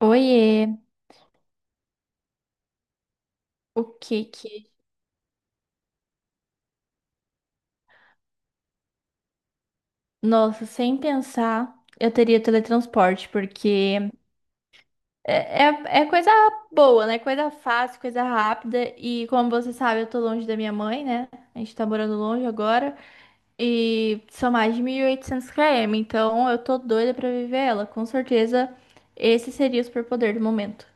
Oiê, o que que... Nossa, sem pensar, eu teria teletransporte, porque é coisa boa, né? Coisa fácil, coisa rápida. E como você sabe, eu tô longe da minha mãe, né? A gente tá morando longe agora. E são mais de 1.800 km, então eu tô doida pra viver ela. Com certeza, esse seria o superpoder do momento.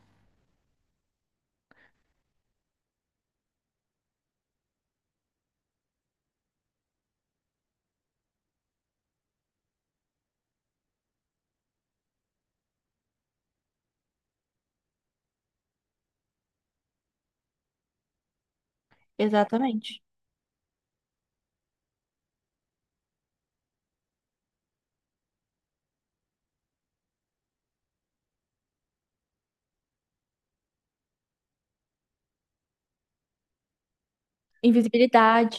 Exatamente. Invisibilidade.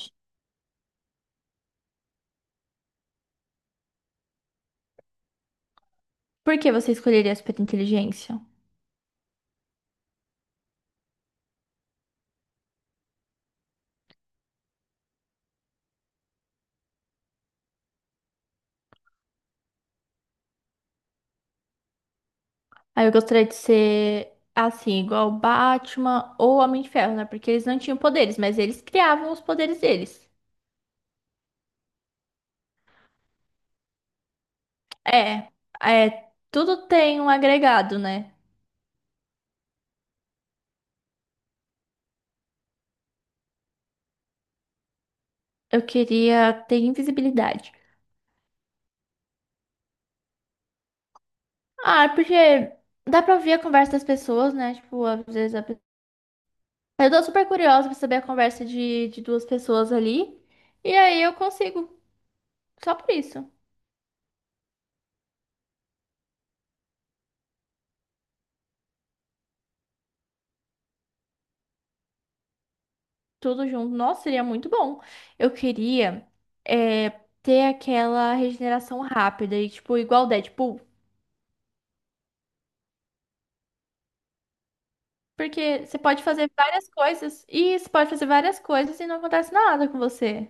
Por que você escolheria a superinteligência? Aí eu gostaria de ser assim, igual o Batman ou o Homem de Ferro, né? Porque eles não tinham poderes, mas eles criavam os poderes deles. É, é, tudo tem um agregado, né? Eu queria ter invisibilidade. Ah, porque dá pra ouvir a conversa das pessoas, né? Tipo, às vezes eu tô super curiosa pra saber a conversa de duas pessoas ali. E aí eu consigo, só por isso. Tudo junto. Nossa, seria muito bom. Eu queria é, ter aquela regeneração rápida e, tipo, igual o Deadpool. Porque você pode fazer várias coisas. E você pode fazer várias coisas e não acontece nada com você.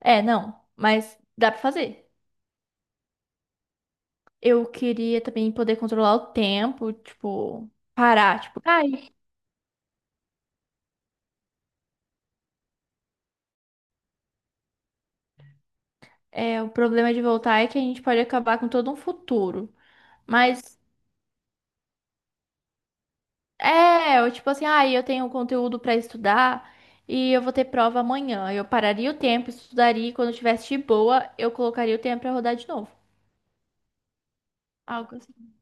É, não. Mas dá pra fazer. Eu queria também poder controlar o tempo, tipo, parar. Tipo, ai, o problema de voltar é que a gente pode acabar com todo um futuro. Mas. É, eu tipo assim, ah, eu tenho conteúdo pra estudar e eu vou ter prova amanhã. Eu pararia o tempo, estudaria e quando eu tivesse de boa, eu colocaria o tempo pra rodar de novo. Algo assim.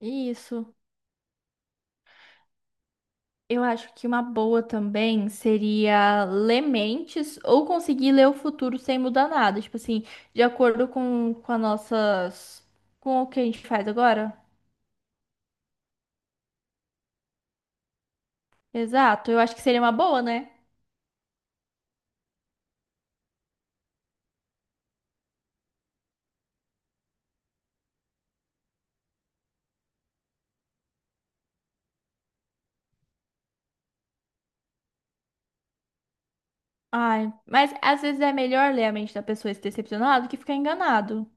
Isso. Eu acho que uma boa também seria ler mentes ou conseguir ler o futuro sem mudar nada. Tipo assim, de acordo com as nossas. Com o que a gente faz agora. Exato. Eu acho que seria uma boa, né? Ai, mas às vezes é melhor ler a mente da pessoa e se decepcionar do que ficar enganado.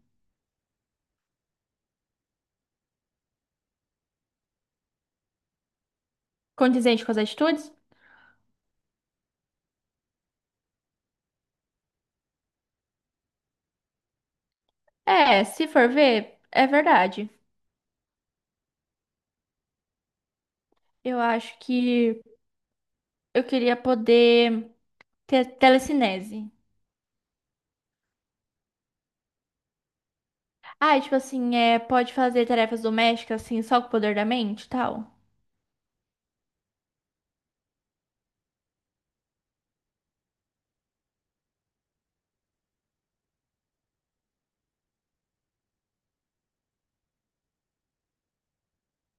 Condizente com as atitudes? É, se for ver, é verdade. Eu acho que eu queria poder ter telecinese. Ah, e tipo assim, pode fazer tarefas domésticas assim, só com o poder da mente e tal.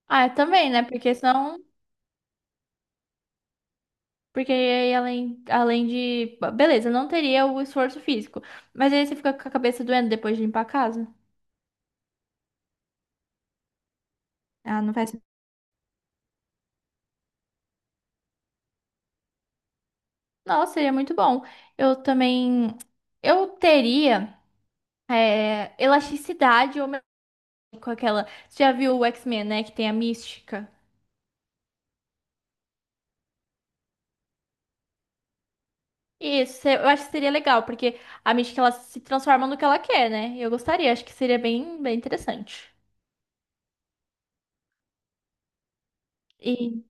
Ah, também, né? Porque senão. Porque aí, além de. Beleza, não teria o esforço físico. Mas aí você fica com a cabeça doendo depois de limpar a casa. Ah, não faz. Nossa, seria muito bom. Eu também. Eu teria. É, elasticidade ou com aquela. Você já viu o X-Men, né? Que tem a Mística? Isso, eu acho que seria legal, porque a Mística ela se transforma no que ela quer, né? Eu gostaria, acho que seria bem, bem interessante. E,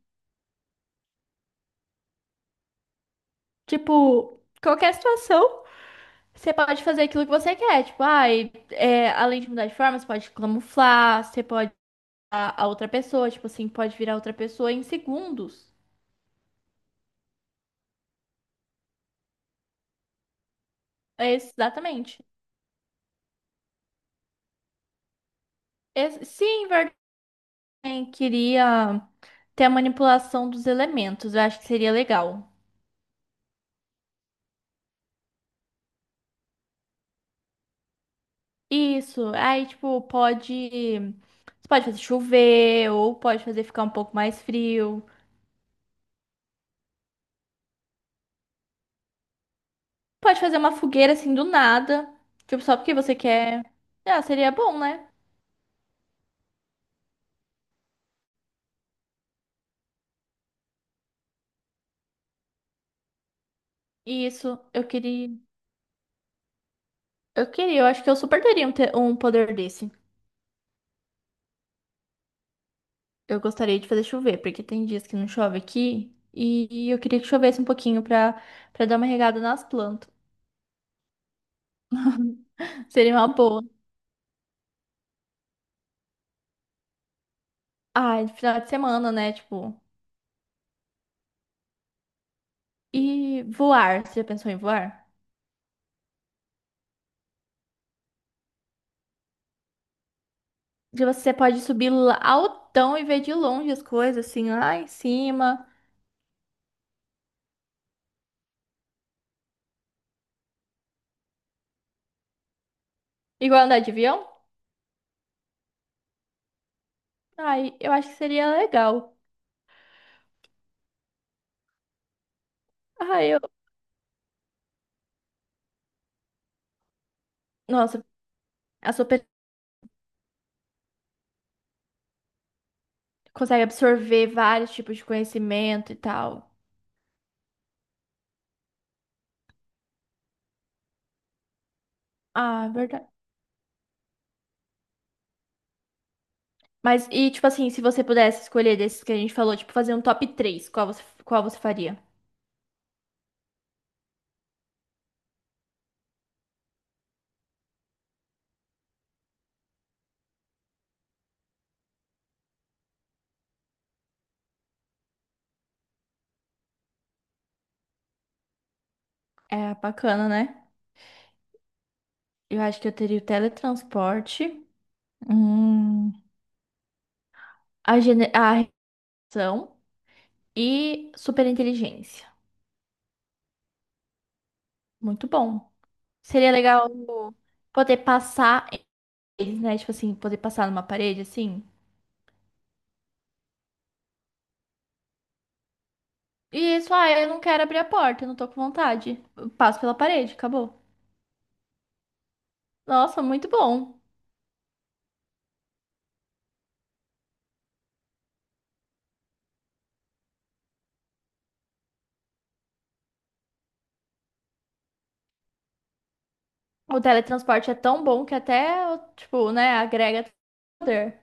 tipo, qualquer situação, você pode fazer aquilo que você quer. Tipo, ai, além de mudar de forma, você pode camuflar, você pode virar a outra pessoa, tipo assim, pode virar outra pessoa em segundos. É, exatamente. Sim, verdade, queria ter a manipulação dos elementos, eu acho que seria legal. Isso, aí tipo, pode. Você pode fazer chover, ou pode fazer ficar um pouco mais frio. Pode fazer uma fogueira assim do nada. Tipo, só porque você quer. Ah, seria bom, né? Isso, eu queria. Eu queria, eu acho que eu super teria um poder desse. Eu gostaria de fazer chover, porque tem dias que não chove aqui. E eu queria que chovesse um pouquinho pra dar uma regada nas plantas. Seria uma boa. Ah, final de semana, né? Tipo. E voar, você já pensou em voar? Que você pode subir lá altão e ver de longe as coisas, assim, lá em cima. Igual andar de avião? Ai, eu acho que seria legal. Ai, eu... Nossa, a sua pe- consegue absorver vários tipos de conhecimento e tal. Ah, é verdade. Mas, e tipo assim, se você pudesse escolher desses que a gente falou, tipo, fazer um top três qual você faria? É bacana, né? Eu acho que eu teria o teletransporte, hum, a reação e superinteligência. Muito bom. Seria legal tipo, poder passar eles, né? Tipo assim, poder passar numa parede assim. E isso, ah, eu não quero abrir a porta, eu não tô com vontade. Eu passo pela parede, acabou. Nossa, muito bom. O teletransporte é tão bom que até, tipo, né, agrega poder.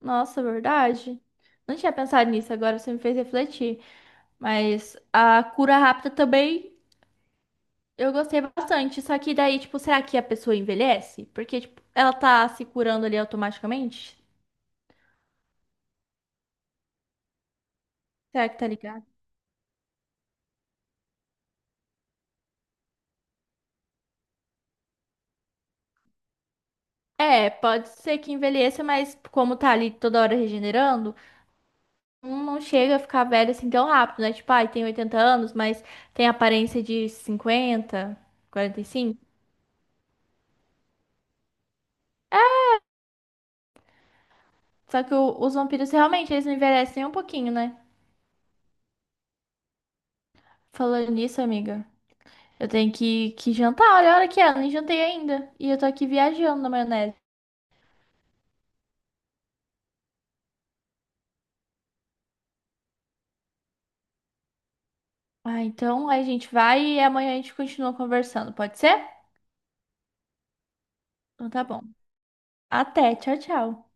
Nossa, verdade. Não tinha pensado nisso, agora você me fez refletir. Mas a cura rápida também eu gostei bastante. Só que daí, tipo, será que a pessoa envelhece? Porque, tipo, ela tá se curando ali automaticamente? Será que tá ligado? É, pode ser que envelheça, mas como tá ali toda hora regenerando, não chega a ficar velho assim tão rápido, né? Tipo, ai, tem 80 anos, mas tem aparência de 50, 45. Só que os vampiros realmente, eles não envelhecem nem um pouquinho, né? Falando nisso, amiga, eu tenho que jantar. Olha a hora que é, eu nem jantei ainda. E eu tô aqui viajando na maionese. Ah, então a gente vai e amanhã a gente continua conversando, pode ser? Então tá bom. Até, tchau, tchau.